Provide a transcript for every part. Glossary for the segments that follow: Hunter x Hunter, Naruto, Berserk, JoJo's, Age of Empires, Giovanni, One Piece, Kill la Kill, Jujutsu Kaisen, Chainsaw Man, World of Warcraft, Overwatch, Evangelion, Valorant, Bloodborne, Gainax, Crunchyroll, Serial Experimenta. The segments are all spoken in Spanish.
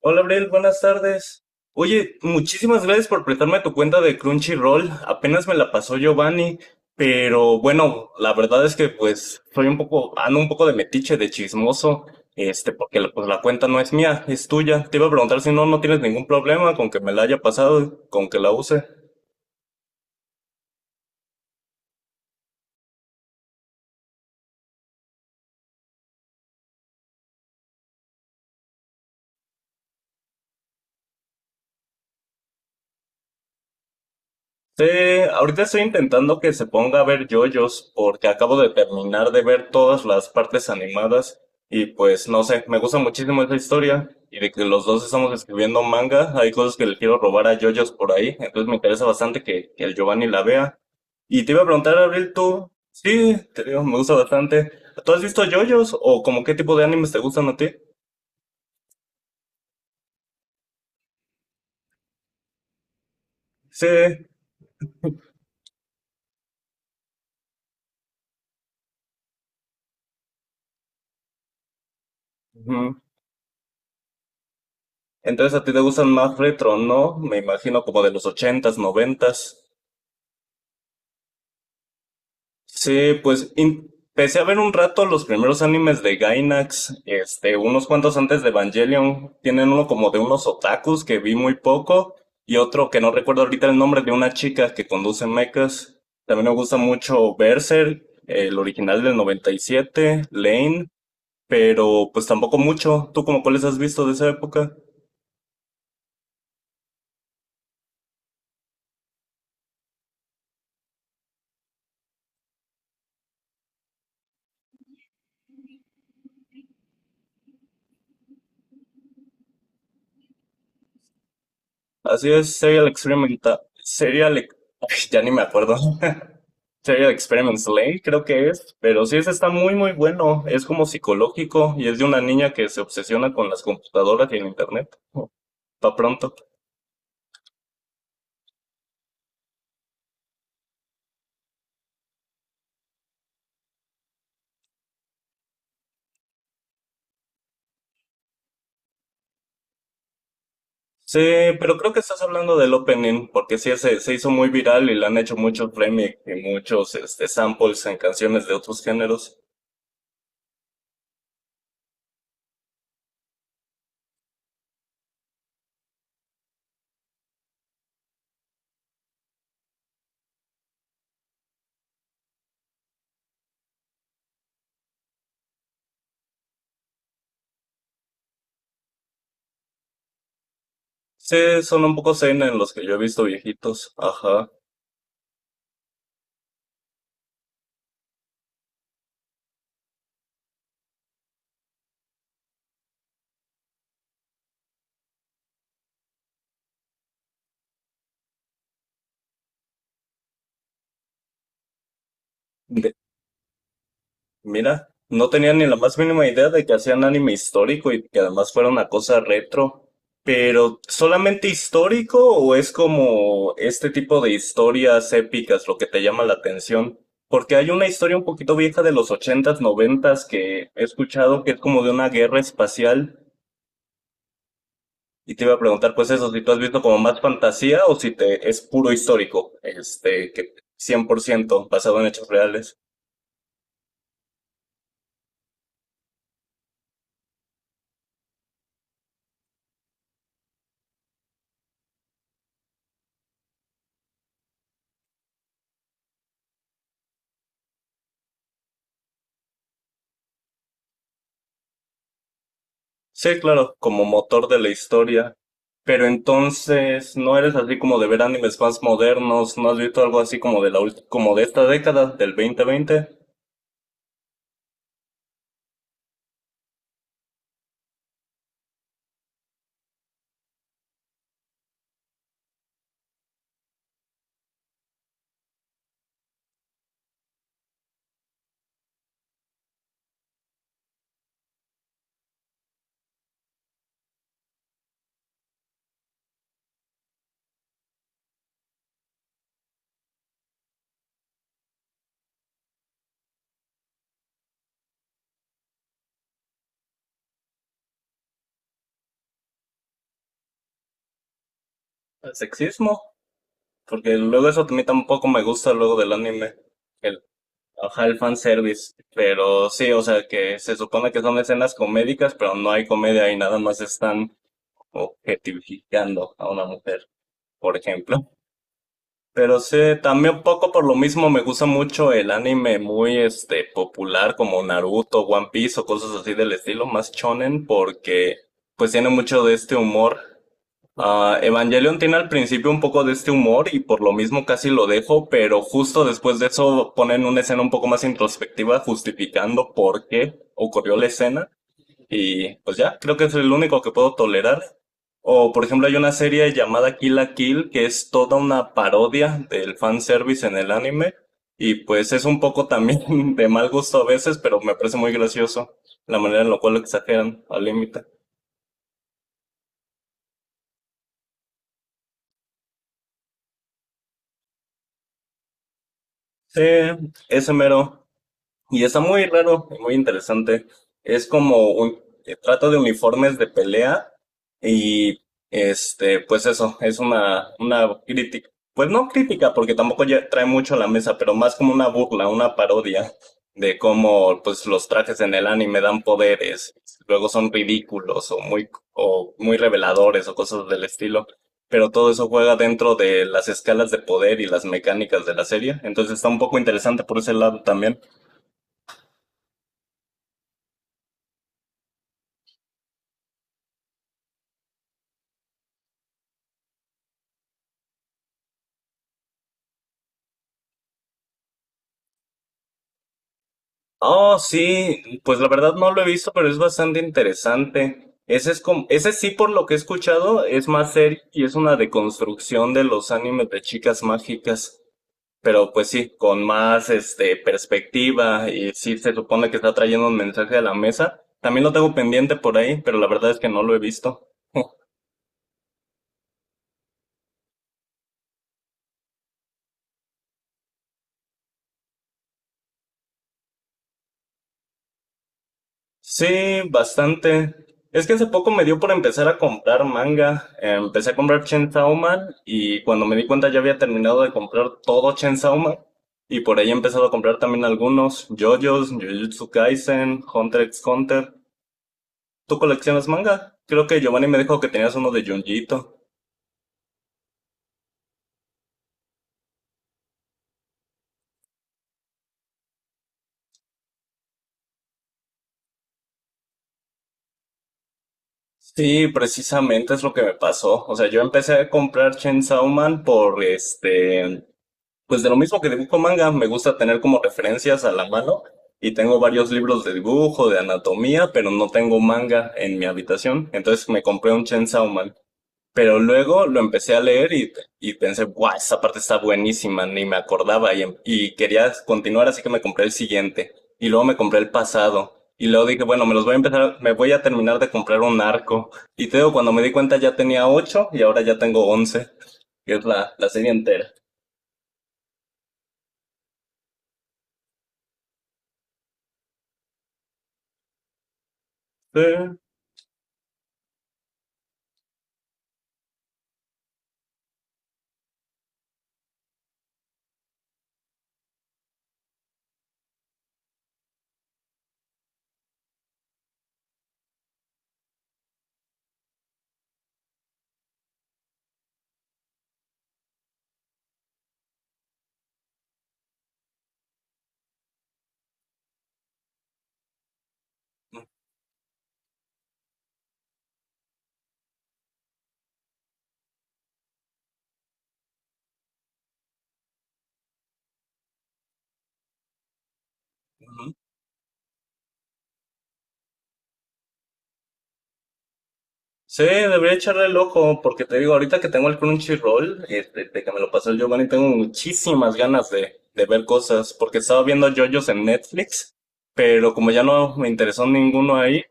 Hola, Abril, buenas tardes. Oye, muchísimas gracias por prestarme tu cuenta de Crunchyroll. Apenas me la pasó Giovanni, pero bueno, la verdad es que pues ando un poco de metiche, de chismoso, porque pues la cuenta no es mía, es tuya. Te iba a preguntar si no tienes ningún problema con que me la haya pasado, con que la use. Sí, ahorita estoy intentando que se ponga a ver JoJo's porque acabo de terminar de ver todas las partes animadas y pues no sé, me gusta muchísimo esa historia y de que los dos estamos escribiendo manga, hay cosas que le quiero robar a JoJo's por ahí, entonces me interesa bastante que el Giovanni la vea. Y te iba a preguntar, Abril, tú, sí, te digo, me gusta bastante. ¿Tú has visto JoJo's o como qué tipo de animes te gustan a ti? Sí. Ujú. Entonces a ti te gustan más retro, ¿no? Me imagino como de los ochentas, noventas. Sí, pues empecé a ver un rato los primeros animes de Gainax, unos cuantos antes de Evangelion. Tienen uno como de unos otakus que vi muy poco y otro que no recuerdo ahorita el nombre de una chica que conduce mechas. También me gusta mucho Berserk, el original del 97, Lane, pero pues tampoco mucho. ¿Tú como cuáles has visto de esa época? Así es, Serial Experimenta, ya ni me acuerdo. Theory of Experiments Lane, creo que es, pero sí, ese está muy, muy bueno. Es como psicológico y es de una niña que se obsesiona con las computadoras y el internet. Oh, pa pronto. Sí, pero creo que estás hablando del opening, porque sí, ese se hizo muy viral y le han hecho muchos remix y muchos samples en canciones de otros géneros. Sí, son un poco zen en los que yo he visto viejitos. Ajá. Mira, no tenía ni la más mínima idea de que hacían anime histórico y que además fuera una cosa retro. Pero, ¿solamente histórico o es como este tipo de historias épicas lo que te llama la atención? Porque hay una historia un poquito vieja de los ochentas, noventas que he escuchado que es como de una guerra espacial y te iba a preguntar pues eso, si tú has visto como más fantasía o si te es puro histórico, que 100% basado en hechos reales. Sí, claro, como motor de la historia. Pero entonces, ¿no eres así como de ver animes más modernos? ¿No has visto algo así como de la como de esta década, del 2020? ¿El sexismo? Porque luego eso a mí tampoco me gusta luego del anime. El, ajá, el fanservice. Pero sí, o sea, que se supone que son escenas comédicas, pero no hay comedia y nada más están objetificando a una mujer, por ejemplo. Pero sí, también un poco por lo mismo me gusta mucho el anime muy popular como Naruto, One Piece o cosas así del estilo, más shonen, porque pues tiene mucho de este humor. Ah, Evangelion tiene al principio un poco de este humor y por lo mismo casi lo dejo, pero justo después de eso ponen una escena un poco más introspectiva justificando por qué ocurrió la escena. Y pues ya, creo que es el único que puedo tolerar. O por ejemplo hay una serie llamada Kill la Kill que es toda una parodia del fanservice en el anime. Y pues es un poco también de mal gusto a veces, pero me parece muy gracioso la manera en la cual lo exageran al límite. Sí, ese mero. Y está muy raro y muy interesante. Es como un trato de uniformes de pelea y pues eso, es una crítica. Pues no crítica, porque tampoco ya trae mucho a la mesa, pero más como una burla, una parodia de cómo pues los trajes en el anime dan poderes, luego son ridículos o muy reveladores o cosas del estilo. Pero todo eso juega dentro de las escalas de poder y las mecánicas de la serie. Entonces está un poco interesante por ese lado también. Oh, sí, pues la verdad no lo he visto, pero es bastante interesante. Ese es como, ese sí, por lo que he escuchado, es más serio y es una deconstrucción de los animes de chicas mágicas. Pero pues sí, con más perspectiva y sí se supone que está trayendo un mensaje a la mesa. También lo tengo pendiente por ahí, pero la verdad es que no lo he visto. Sí, bastante. Es que hace poco me dio por empezar a comprar manga. Empecé a comprar Chainsaw Man y cuando me di cuenta ya había terminado de comprar todo Chainsaw Man. Y por ahí he empezado a comprar también algunos. JoJo's, Jujutsu Kaisen, Hunter x Hunter. ¿Tú coleccionas manga? Creo que Giovanni me dijo que tenías uno de Junjito. Sí, precisamente es lo que me pasó. O sea, yo empecé a comprar Chainsaw Man. Por este Pues de lo mismo que dibujo manga, me gusta tener como referencias a la mano y tengo varios libros de dibujo, de anatomía, pero no tengo manga en mi habitación. Entonces me compré un Chainsaw Man. Pero luego lo empecé a leer y pensé, guau, esa parte está buenísima, ni me acordaba y quería continuar, así que me compré el siguiente. Y luego me compré el pasado. Y luego dije, bueno, me voy a terminar de comprar un arco. Y te digo, cuando me di cuenta ya tenía ocho y ahora ya tengo 11, que es la serie entera. Sí. Ujú. Sí, debería echarle el ojo, porque te digo, ahorita que tengo el Crunchyroll, de que me lo pasó el Giovanni, tengo muchísimas ganas de ver cosas, porque estaba viendo JoJo's en Netflix, pero como ya no me interesó ninguno ahí,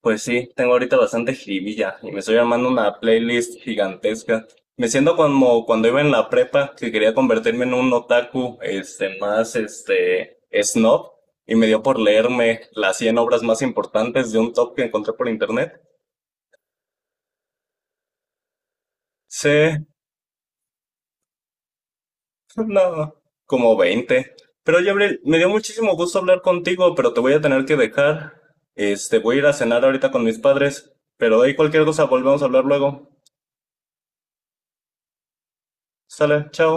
pues sí, tengo ahorita bastante jiribilla y me estoy armando una playlist gigantesca. Me siento como cuando iba en la prepa, que quería convertirme en un otaku, más, snob, y me dio por leerme las 100 obras más importantes de un top que encontré por internet. Sí, no, como 20. Pero Gabriel, me dio muchísimo gusto hablar contigo, pero te voy a tener que dejar. Voy a ir a cenar ahorita con mis padres, pero ahí cualquier cosa volvemos a hablar luego. Sale, chao.